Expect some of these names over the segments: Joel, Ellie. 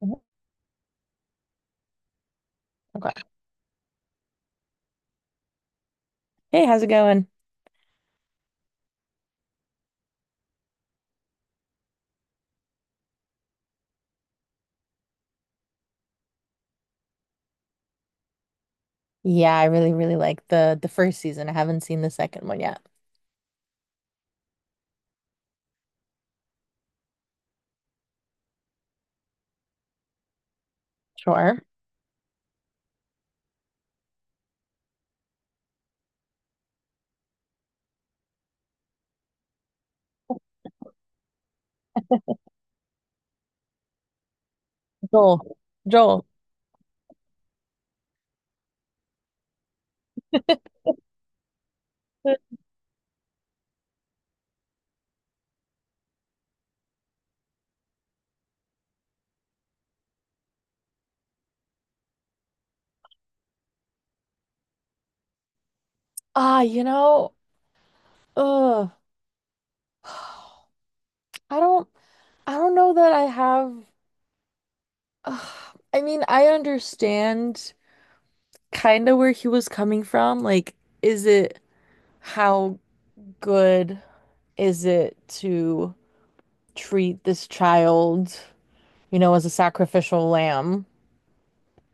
Mhm. Okay. Hey, Evan. Yeah, I really, really like the Sure. Joel. Joel. Ah, you know, ugh. I don't I don't know that I have ugh. I mean, I understand kind of where he was coming from. Like, is it how good is it to treat this child, as a sacrificial lamb?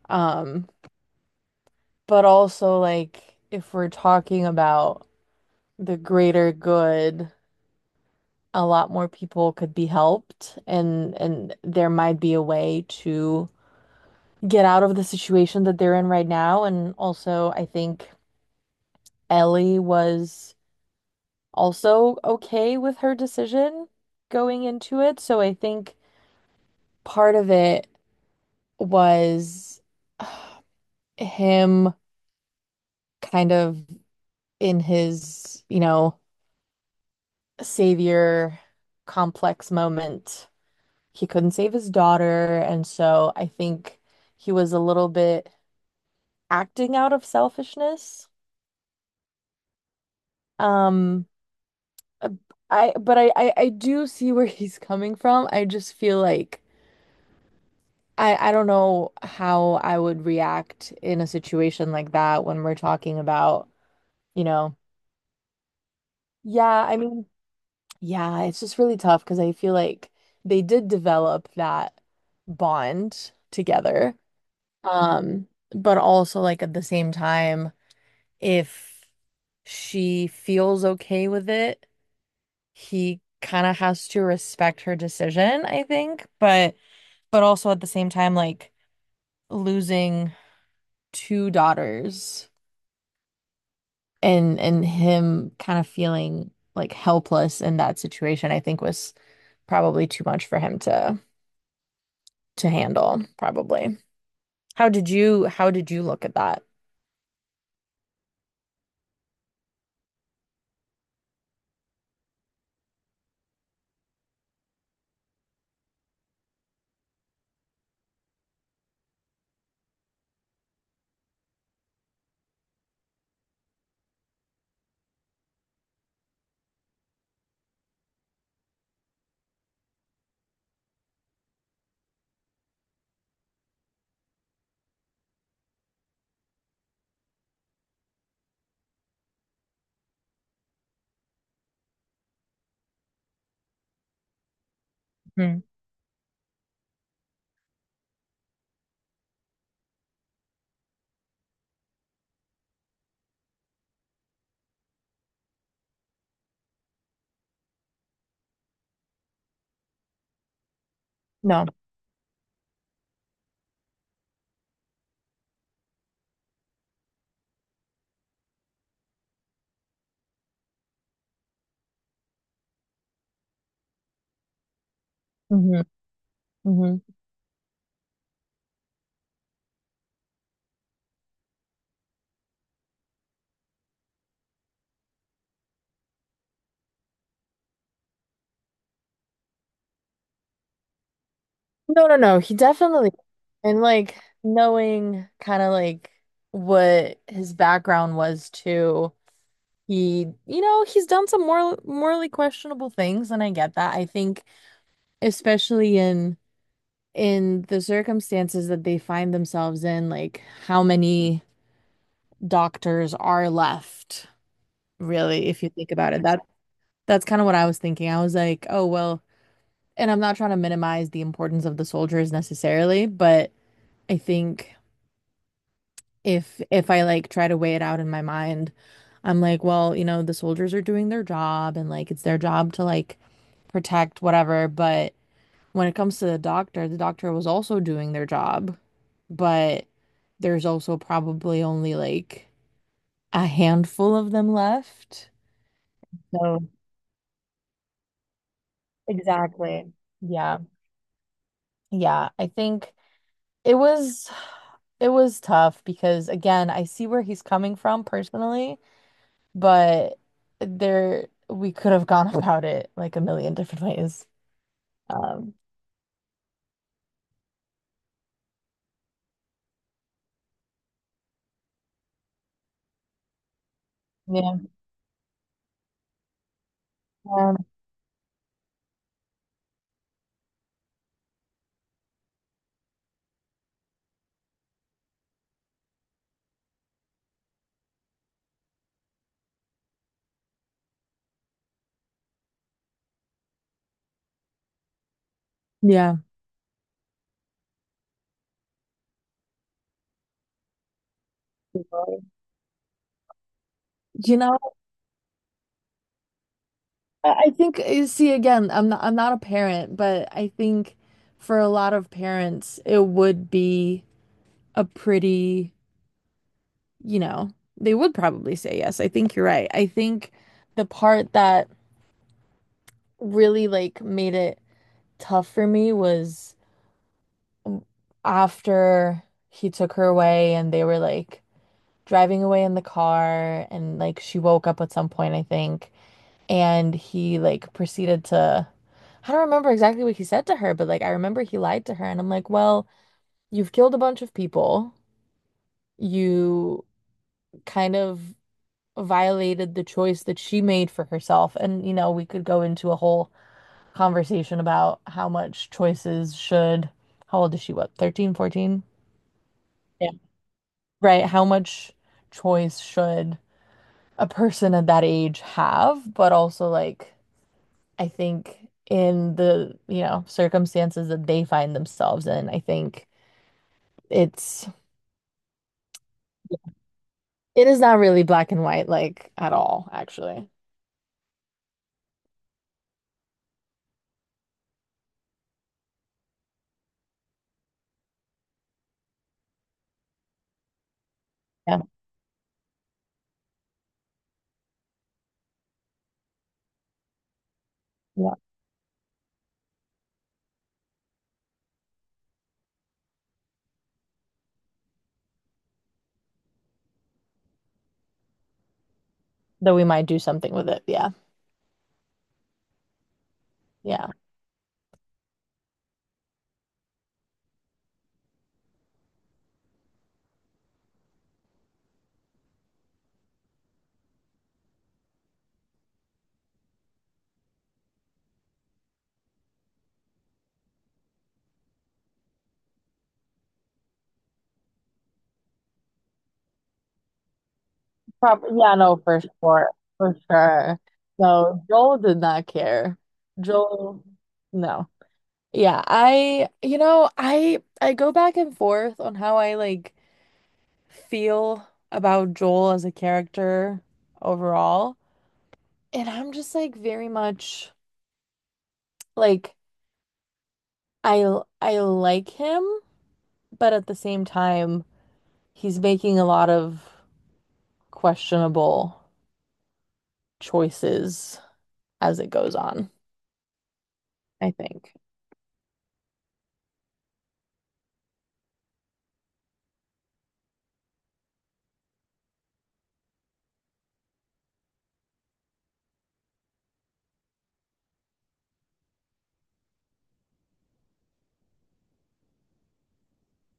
Um, but also like if we're talking about the greater good a lot more people could be helped and there might be a way to get out of the situation that they're in right now. And also, I think Ellie was also okay with her decision going into it. So I think part of it was him kind of in his, savior complex moment. He couldn't save his daughter, and so I think he was a little bit acting out of selfishness. Um, uh, I but I do see where he's coming from. I just feel like I don't know how I would react in a situation like that when we're talking about, you know, yeah, I mean, yeah, it's just really tough because I feel like they did develop that bond together. But also like at the same time, if she feels okay with it he kind of has to respect her decision, I think, but also at the same time like losing two daughters and him kind of feeling like helpless in that situation, I think was probably too much for him to handle, probably. How did you look at that? Hmm. No. Hmm. Hmm. No, no, no. He definitely. And like knowing kind of like what his background was too. He's done some moral, morally questionable things, and I get that. I think, especially in the circumstances that they find themselves in, like how many doctors are left, really, if you think about it. That's kind of what I was thinking. I was like, oh well, and I'm not trying to minimize the importance of the soldiers necessarily, but I think. If I like try to weigh it out in my mind, I'm like, well, you know, the soldiers are doing their job and like it's their job to like protect whatever, but when it comes to the doctor was also doing their job, but there's also probably only like a handful of them left. So exactly. Yeah. Yeah, I think it was it was tough because again, I see where he's coming from personally. But there we could have gone about it like a million different ways. Um, yeah, um, yeah. You know, I think you see again, I'm not a parent, but I think for a lot of parents, it would be a pretty, you know, they would probably say yes. I think you're right. I think the part that really like made it tough for me was um, after he took her away and they were like driving away in the car and like she woke up at some point, I think, and he like proceeded to I don't remember exactly what he said to her, but like I remember he lied to her and I'm like, "Well, you've killed a bunch of people. You kind of violated the choice that she made for herself." And you know, we could go into a whole conversation about how much choices should. How old is she? What, 13, 14? Yeah. Right, how much choice should a person at that age have, but also like I think in the circumstances that they find themselves in, I think it's it is not really black and white like at all, actually. Yeah. Yeah. Though we might do something with it. Yeah. Yeah. Probably, yeah, no, for sure. For sure. No, Joel did not care. Joel, no. Yeah, I, you know, I go back and forth on how I like feel about Joel as a character overall. And I'm just like very much like I like him, but at the same time, he's making a lot of questionable choices as it goes on, I think.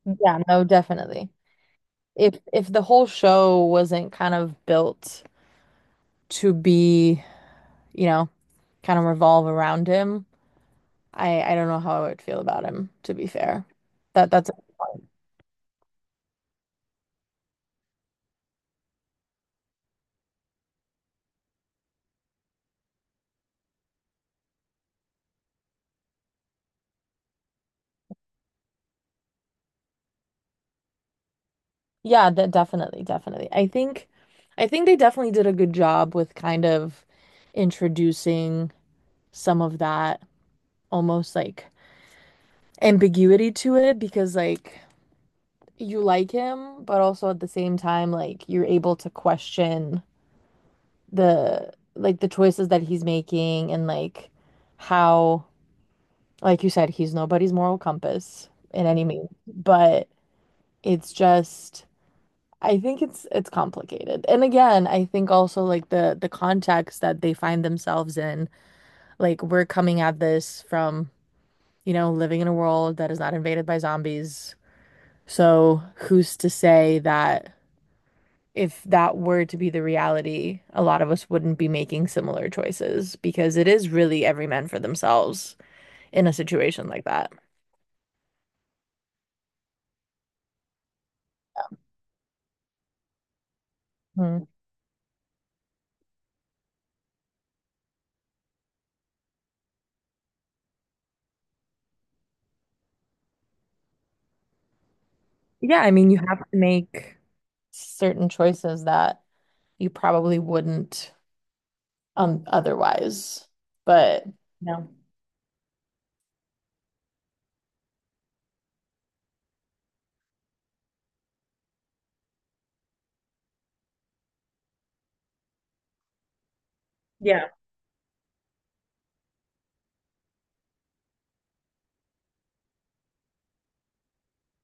Yeah, no, definitely. If the whole show wasn't kind of built to be, you know, kind of revolve around him, I don't know how I would feel about him, to be fair. That's. Yeah, definitely, definitely. I think they definitely did a good job with kind of introducing some of that almost like ambiguity to it because like you like him, but also at the same time like you're able to question the like the choices that he's making and like how like you said he's nobody's moral compass in any means, but it's just I think it's complicated. And again, I think also like the context that they find themselves in, like we're coming at this from, you know, living in a world that is not invaded by zombies. So who's to say that if that were to be the reality, a lot of us wouldn't be making similar choices because it is really every man for themselves in a situation like that. Mhm. Yeah, I mean, you have to make certain choices that you probably wouldn't otherwise. But no. Yeah.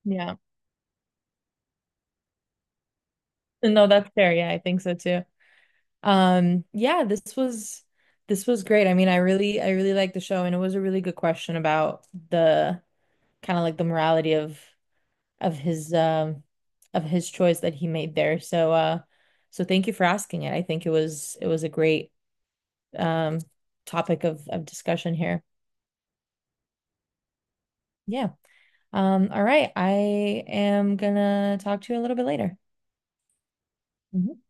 Yeah. No, that's fair. Yeah, I think so too. Yeah, this was great. I mean, I really liked the show and it was a really good question about the kind of like the morality of his um of his choice that he made there. So thank you for asking it. I think it was a great um topic of discussion here. Yeah. All right. I am gonna talk to you a little bit later. Mhm.